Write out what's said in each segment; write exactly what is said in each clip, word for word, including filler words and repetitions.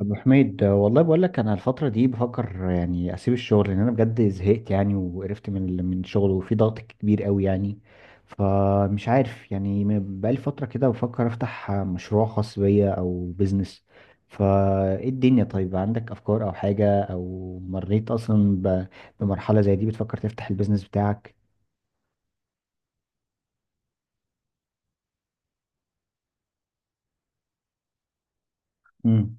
أبو حميد آه، والله بقول لك أنا الفترة دي بفكر يعني أسيب الشغل لأن أنا بجد زهقت يعني وقرفت من من الشغل وفي ضغط كبير قوي يعني. فمش عارف يعني م- بقالي فترة كده بفكر أفتح آه، مشروع خاص بيا أو بيزنس. فإيه الدنيا؟ طيب عندك أفكار أو حاجة أو مريت أصلا ب- بمرحلة زي دي بتفكر تفتح البيزنس بتاعك؟ مم.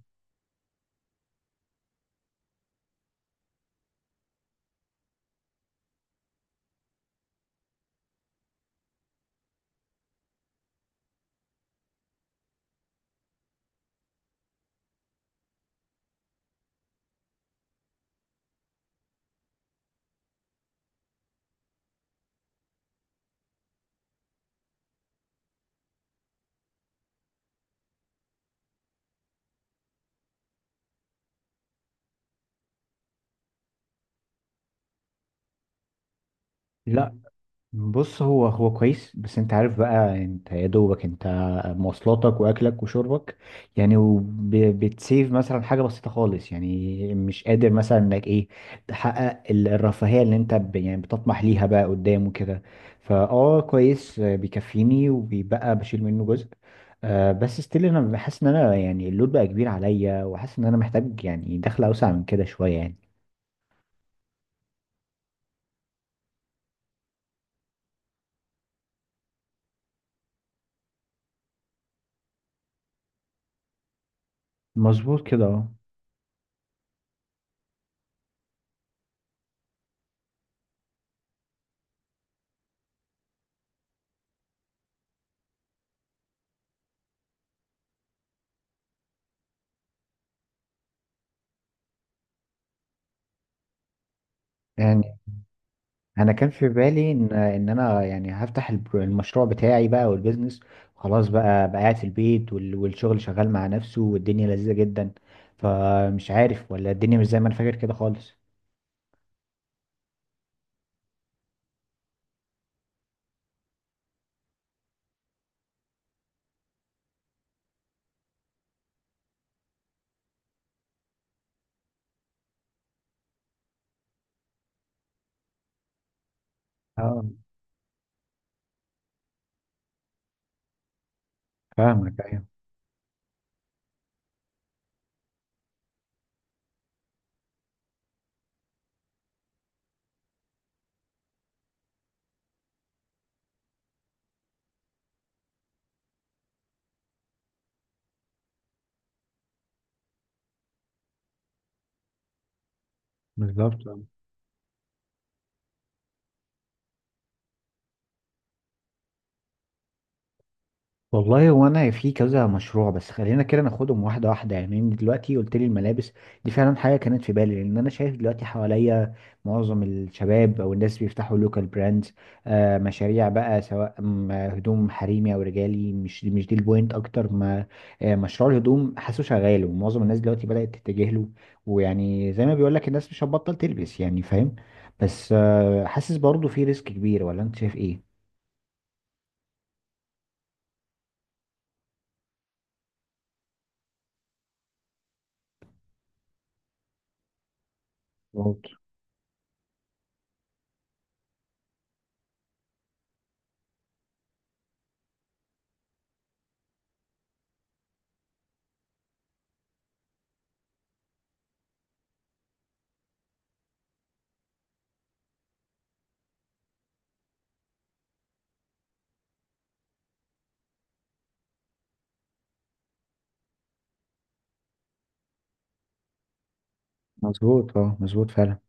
لا، بص هو هو كويس، بس انت عارف بقى، انت يا دوبك انت مواصلاتك واكلك وشربك يعني، وبتسيف مثلا حاجه بسيطه خالص، يعني مش قادر مثلا انك ايه، تحقق ال- الرفاهيه اللي انت ب- يعني بتطمح ليها بقى قدام وكده. فاه كويس، آه، بيكفيني وبيبقى بشيل منه جزء. آه بس ستيل انا بحس ان انا يعني اللود بقى كبير عليا، وحاسس ان انا محتاج يعني دخل اوسع من كده شويه يعني. مظبوط كده، اه. يعني انا كان في بالي ان ان انا يعني هفتح الب- المشروع بتاعي بقى والبيزنس. خلاص بقى بقى قاعد في البيت، وال- والشغل شغال مع نفسه، والدنيا لذيذة جدا. فمش عارف، ولا الدنيا مش زي ما انا فاكر كده خالص؟ اه، فاهمك، ايوه. بالظبط. والله هو انا في كذا مشروع، بس خلينا كده ناخدهم واحده واحده. يعني انت دلوقتي قلت لي الملابس، دي فعلا حاجه كانت في بالي، لان انا شايف دلوقتي حواليا معظم الشباب او الناس بيفتحوا لوكال براندز، آه مشاريع بقى سواء م- هدوم حريمي او رجالي. مش مش دي البوينت اكتر ما آه مشروع الهدوم حاسه شغال، ومعظم الناس دلوقتي بدات تتجه له. ويعني زي ما بيقول لك، الناس مش هتبطل تلبس يعني، فاهم. بس آه حاسس برضه في ريسك كبير، ولا انت شايف ايه؟ مظبوط مظبوط، اه، مظبوط فعلا.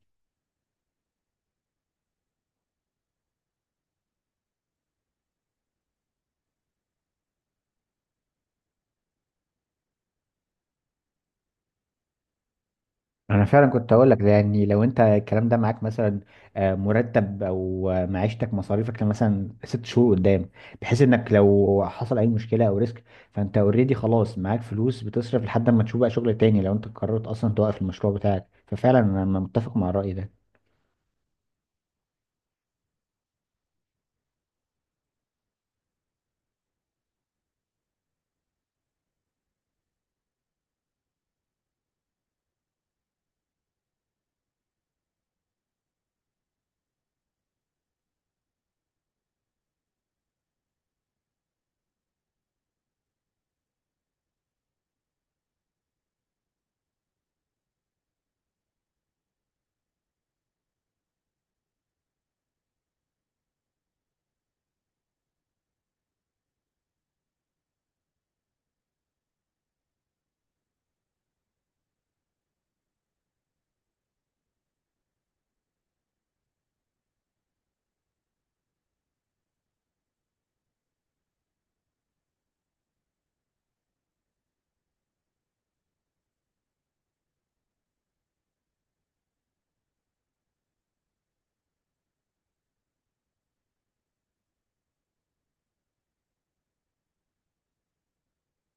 انا فعلا كنت هقول لك ده، يعني لو انت الكلام ده معاك، مثلا آه، مرتب، او آه، معيشتك مصاريفك مثلا ست شهور قدام، بحيث انك لو حصل اي مشكله او ريسك فانت اوريدي خلاص معاك فلوس بتصرف لحد ما تشوف بقى شغل تاني، لو انت قررت اصلا توقف المشروع بتاعك. ففعلا انا متفق مع الرأي ده.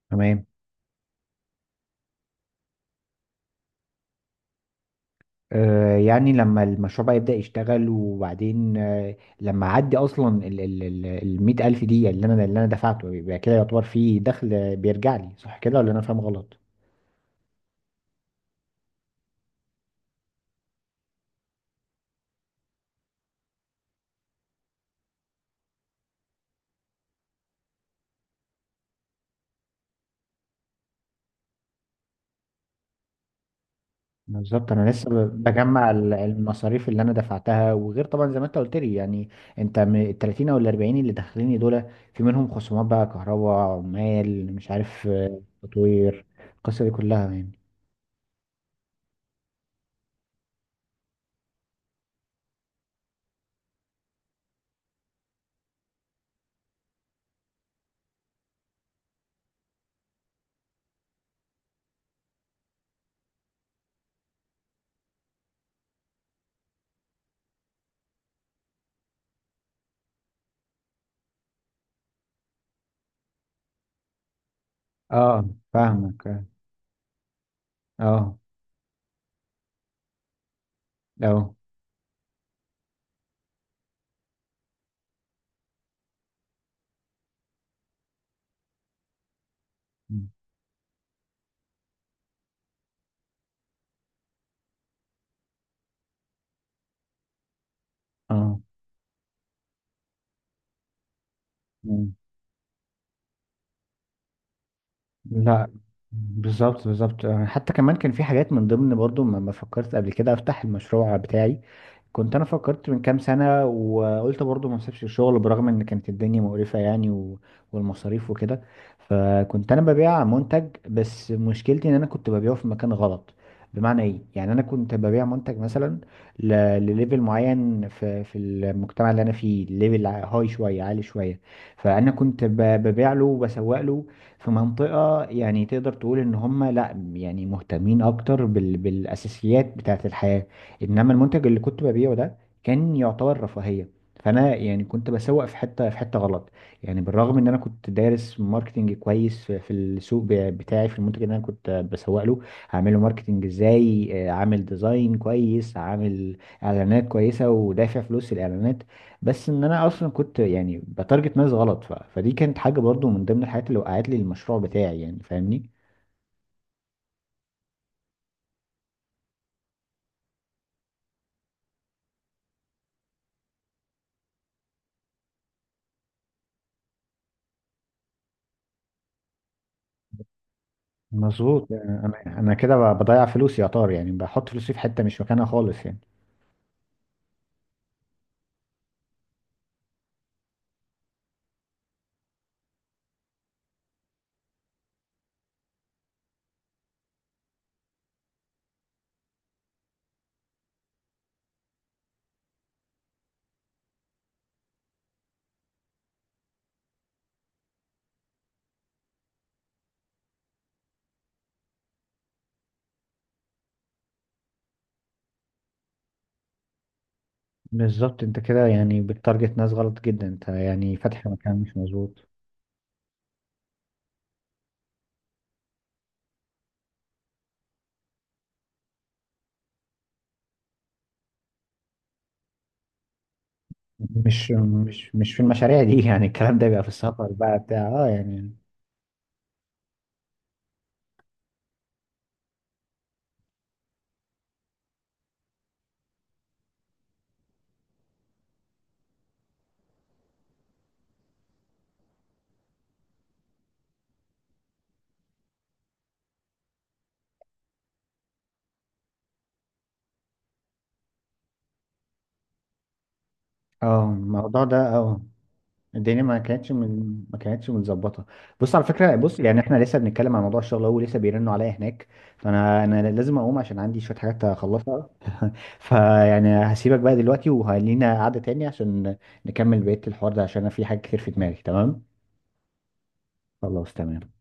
تمام. آه يعني لما المشروع بقى يبدأ يشتغل، وبعدين آه لما عدي اصلا ال ال ال المية ألف دي اللي انا اللي انا دفعته، يبقى كده يعتبر في دخل بيرجع لي، صح كده ولا انا فاهم غلط؟ بالظبط. انا لسه ب- بجمع ال- المصاريف اللي انا دفعتها، وغير طبعا زي ما انت قلت لي يعني. انت من ال تلاتين او ال اربعين اللي داخليني دول، في منهم خصومات بقى، كهرباء، عمال، مش عارف، آه، تطوير، القصه دي كلها يعني. اه، فاهمك، اه، اه، اه. آه. لا. بالظبط، بالظبط، آه، حتى كمان كان في حاجات من ضمن برضو ما ما فكرت قبل كده افتح المشروع بتاعي. كنت انا فكرت من كام سنه، وقلت برضو ما اسيبش الشغل برغم ان كانت الدنيا مقرفه يعني و... والمصاريف وكده. فكنت انا ببيع منتج، بس مشكلتي ان انا كنت ببيعه في مكان غلط. بمعنى ايه؟ يعني انا كنت ببيع منتج مثلا ل... لليفل معين في في المجتمع اللي انا فيه، ليفل هاي شويه، عالي شويه. فانا كنت ب... ببيع له وبسوق له في منطقة، يعني تقدر تقول ان هم لا، يعني مهتمين اكتر بال... بالاساسيات بتاعة الحياة، انما المنتج اللي كنت ببيعه ده كان يعتبر رفاهية. فانا يعني كنت بسوق في حتة في حتة غلط يعني. بالرغم ان انا كنت دارس ماركتنج كويس، في في السوق ب- بتاعي، في المنتج اللي انا كنت بسوق له، هعمله ماركتنج ازاي، آه، عامل ديزاين كويس، عامل اعلانات كويسة، ودافع فلوس الاعلانات. بس ان انا اصلا كنت يعني بتارجت ناس غلط، ف... فدي كانت حاجه برضو من ضمن الحاجات اللي وقعت لي المشروع بتاعي، يعني فاهمني. مظبوط. انا انا كده ب- بضيع فلوسي يا طار، يعني بحط فلوسي في حته مش مكانها خالص يعني. بالظبط، انت كده يعني بتارجت ناس غلط جدا، انت يعني فاتح مكان مش مظبوط. مش مش مش في المشاريع دي يعني الكلام ده بيبقى في السفر بقى بتاع، اه يعني. اه، الموضوع ده، اه، الدنيا ما كانتش من ما كانتش متظبطه. بص على فكره، بص يعني احنا لسه بنتكلم عن موضوع الشغل، هو لسه بيرنوا عليا هناك، فانا انا لازم اقوم عشان عندي شويه حاجات اخلصها فيعني هسيبك بقى دلوقتي، وهلينا قعده تاني عشان نكمل بقيه الحوار ده، عشان انا في حاجات كتير في دماغي. تمام. خلاص، تمام.